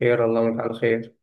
خير الله لك على خير.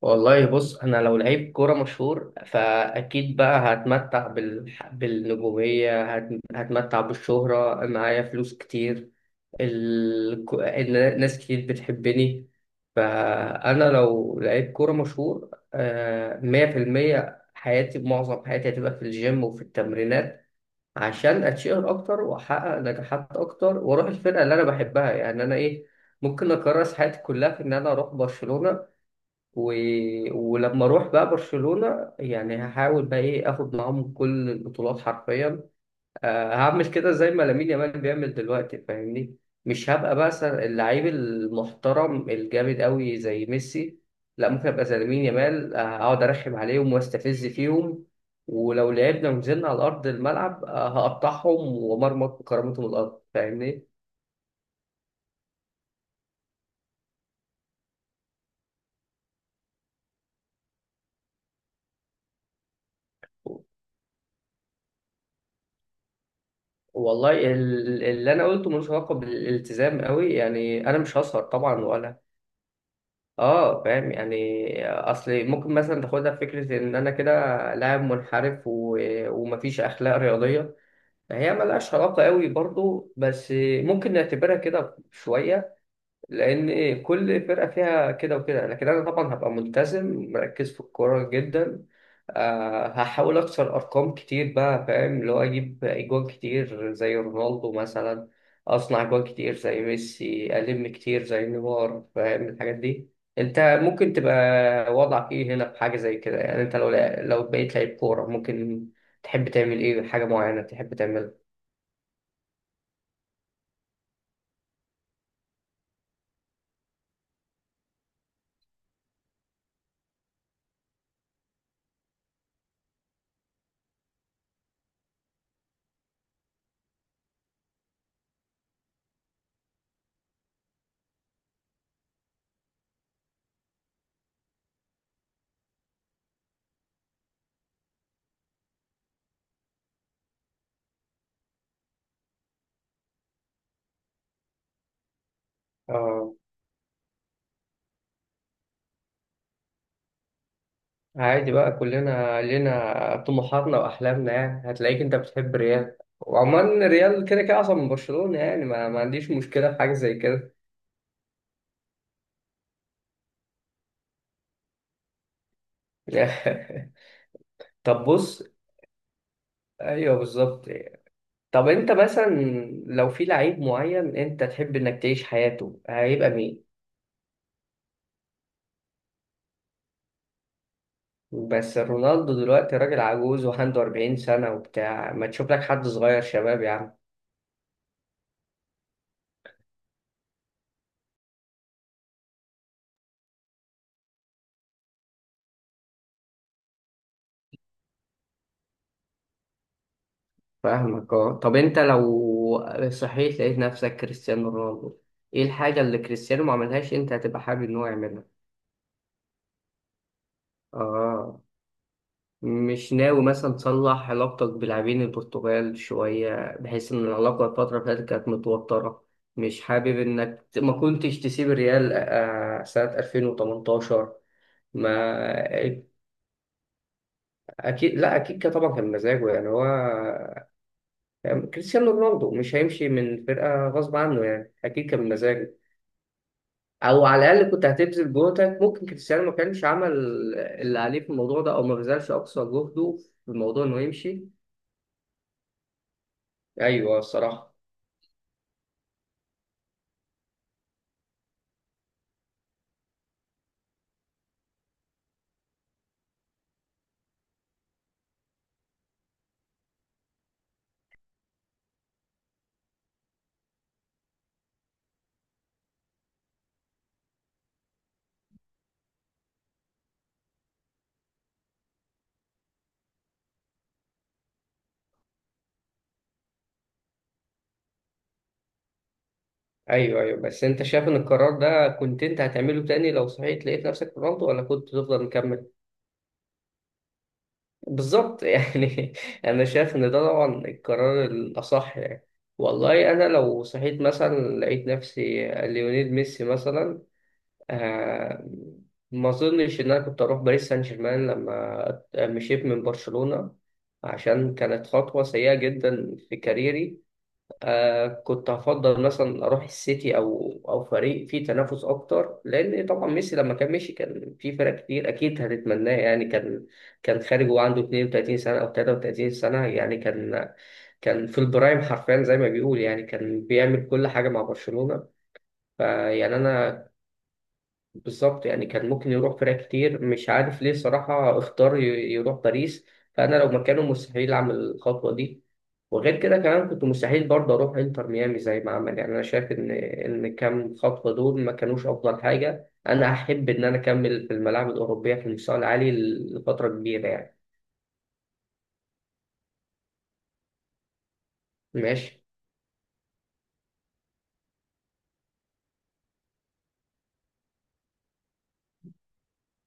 والله بص، انا لو لعيب كوره مشهور فاكيد بقى هتمتع بالنجوميه هتمتع بالشهره، معايا فلوس كتير. ناس كتير بتحبني. فانا لو لعيب كوره مشهور 100% حياتي، معظم حياتي هتبقى في الجيم وفي التمرينات عشان اتشهر اكتر واحقق نجاحات اكتر واروح الفرقه اللي انا بحبها. يعني انا ايه، ممكن اكرس حياتي كلها في ان انا اروح برشلونه و... ولما اروح بقى برشلونه يعني هحاول بقى ايه، اخد معاهم كل البطولات حرفيا. هعمل كده زي ما لامين يامال بيعمل دلوقتي، فاهمني؟ مش هبقى بقى اللعيب المحترم الجامد قوي زي ميسي، لا ممكن ابقى زي لامين يامال. اقعد ارخم عليهم واستفز فيهم، ولو لعبنا ونزلنا على ارض الملعب هقطعهم ومرمط بكرامتهم الارض، فاهمني؟ والله اللي انا قلته ملوش علاقه بالالتزام قوي، يعني انا مش هسهر طبعا ولا. اه فاهم، يعني اصل ممكن مثلا تاخدها في فكره ان انا كده لاعب منحرف ومفيش اخلاق رياضيه. هي ملهاش علاقه قوي برضو، بس ممكن نعتبرها كده شويه لان ايه، كل فرقه فيها كده وكده. لكن انا طبعا هبقى ملتزم مركز في الكوره جدا. أه هحاول اكسر ارقام كتير بقى، فاهم؟ اللي هو اجيب اجوان كتير زي رونالدو مثلا، اصنع اجوان كتير زي ميسي، الم كتير زي نيمار، فاهم الحاجات دي؟ انت ممكن تبقى وضعك ايه هنا في حاجه زي كده؟ يعني انت لو لو بقيت لعيب كوره، ممكن تحب تعمل ايه؟ حاجه معينه تحب تعملها؟ اه. عادي بقى، كلنا لنا طموحاتنا واحلامنا. يعني هتلاقيك انت بتحب ريال، وعموما ريال كده كده اصلا من برشلونة. يعني ما عنديش مشكلة في حاجة زي كده. طب بص. ايوه بالظبط. طب انت مثلا لو في لعيب معين انت تحب انك تعيش حياته، هيبقى مين؟ بس رونالدو دلوقتي راجل عجوز وعنده 40 سنة وبتاع، ما تشوف لك حد صغير شباب يا عم. فاهمك، اه. طب انت لو صحيت لقيت نفسك كريستيانو رونالدو، ايه الحاجة اللي كريستيانو ما عملهاش انت هتبقى حابب ان هو يعملها؟ اه. مش ناوي مثلا تصلح علاقتك بلاعبين البرتغال شوية، بحيث ان العلاقة الفترة اللي فاتت كانت متوترة؟ مش حابب انك ما كنتش تسيب الريال سنة 2018؟ ما اكيد، لا اكيد كان، طبعا كان مزاجه، يعني هو كريستيانو رونالدو مش هيمشي من فرقة غصب عنه، يعني اكيد كان مزاجه. او على الاقل كنت هتبذل جهدك، ممكن كريستيانو ما كانش عمل اللي عليه في الموضوع ده او ما بذلش اقصى جهده في الموضوع انه يمشي. ايوه الصراحه. ايوه ايوه، بس انت شايف ان القرار ده كنت انت هتعمله تاني لو صحيت لقيت نفسك في رونالدو، ولا كنت تفضل مكمل؟ بالظبط يعني. انا شايف ان ده طبعا القرار الاصح يعني. والله انا لو صحيت مثلا لقيت نفسي ليونيل ميسي مثلا، آه، ما اظنش ان انا كنت اروح باريس سان جيرمان لما مشيت من برشلونة، عشان كانت خطوة سيئة جدا في كاريري. آه كنت هفضل مثلا اروح السيتي او او فريق فيه تنافس اكتر، لان طبعا ميسي لما كان مشي كان في فرق كتير اكيد هتتمناه. يعني كان كان خارج وعنده 32 سنة او 33 سنة، يعني كان كان في البرايم حرفيا زي ما بيقول، يعني كان بيعمل كل حاجة مع برشلونة. فيعني انا، بالظبط يعني، كان ممكن يروح فرق كتير، مش عارف ليه صراحة اختار يروح باريس. فأنا لو مكانه مستحيل أعمل الخطوة دي، وغير كده كمان كنت مستحيل برضه أروح إنتر ميامي زي ما عمل. يعني أنا شايف إن كام خطوة دول ما كانوش أفضل حاجة. أنا أحب إن أنا أكمل في الملاعب الأوروبية في المستوى العالي لفترة كبيرة يعني. ماشي.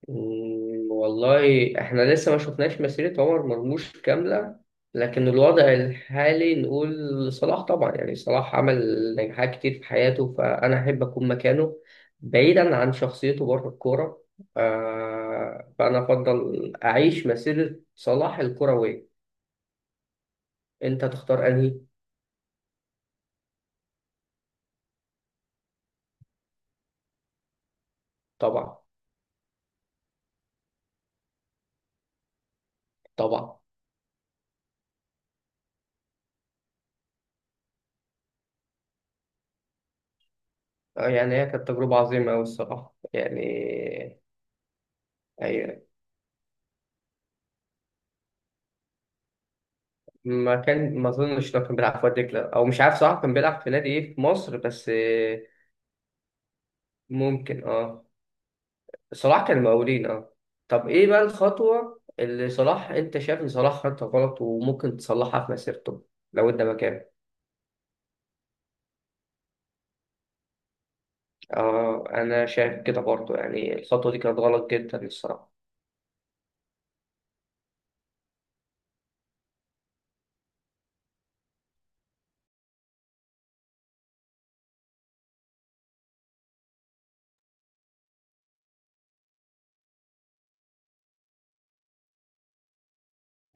والله احنا لسه ما شفناش مسيرة عمر مرموش كاملة، لكن الوضع الحالي نقول صلاح طبعا. يعني صلاح عمل نجاحات كتير في حياته فأنا أحب أكون مكانه، بعيدا عن شخصيته بره الكورة. فأنا أفضل أعيش مسيرة صلاح الكروية. أنت تختار أنهي؟ طبعا. طبعا. آه، يعني هي كانت تجربة عظيمة أوي الصراحة يعني. ما كان، ما اظنش لو كان بيلعب في واد دجله، او مش عارف صراحه كان بيلعب في نادي ايه في مصر، بس آه، ممكن اه. صلاح كان مقاولين اه. طب ايه بقى الخطوه اللي صلاح انت شايف ان صلاح خدها غلط وممكن تصلحها في مسيرته لو انت مكانه؟ اه انا شايف كده برضه، يعني الخطوه دي كانت غلط جدا الصراحه.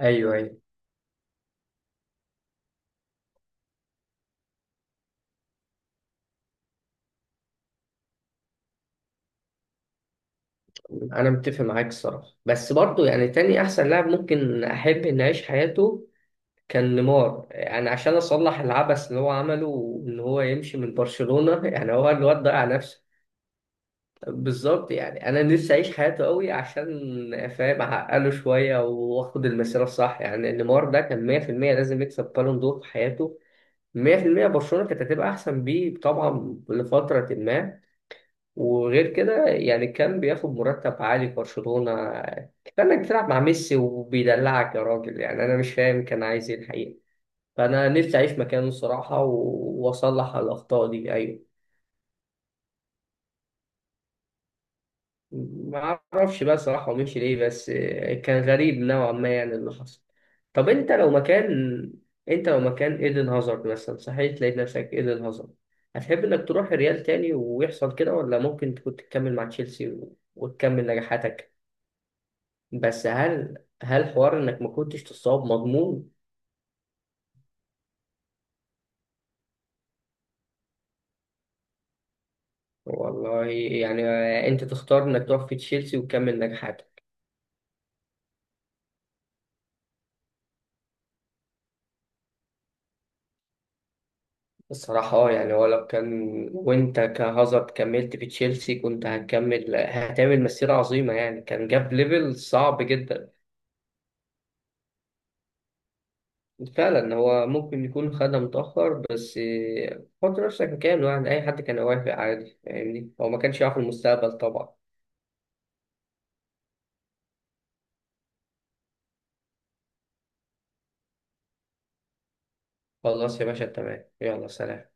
ايوه ايوه. انا متفق معاك الصراحه، بس برضه يعني تاني احسن لاعب ممكن احب اني اعيش حياته كان نيمار، يعني عشان اصلح العبث اللي هو عمله ان هو يمشي من برشلونة. يعني هو الواد ضيع نفسه. بالظبط، يعني انا نفسي اعيش حياته قوي عشان فاهم اعقله شويه واخد المسيره الصح. يعني نيمار ده كان 100% لازم يكسب بالون دور في حياته. 100% برشلونه كانت هتبقى احسن بيه طبعا لفتره ما، وغير كده يعني كان بياخد مرتب عالي في برشلونه. كفايه انك بتلعب مع ميسي وبيدلعك يا راجل، يعني انا مش فاهم كان عايز ايه الحقيقه. فأنا نفسي أعيش مكانه الصراحة وأصلح الأخطاء دي أيوه. ما أعرفش بقى صراحة هو مشي ليه، بس آه، كان غريب نوعا ما يعني اللي حصل. طب أنت لو مكان، أنت لو مكان إيدن هازارد مثلا، صحيح تلاقي نفسك إيدن هازارد، هتحب إنك تروح الريال تاني ويحصل كده، ولا ممكن تكون تكمل مع تشيلسي وتكمل نجاحاتك؟ بس هل هل حوار إنك ما كنتش تصاب مضمون؟ والله يعني آه، أنت تختار إنك تروح في تشيلسي وتكمل نجاحاتك. الصراحة اه، يعني هو لو كان، وانت كهازارد كملت في تشيلسي كنت هتكمل، هتعمل مسيرة عظيمة، يعني كان جاب ليفل صعب جدا. فعلا هو ممكن يكون خدها متأخر، بس آه، حط نفسك مكانه، يعني أي حد كان هيوافق عادي، فاهمني؟ هو ما كانش يعرف المستقبل طبعا. خلاص يا باشا، تمام، يلا سلام.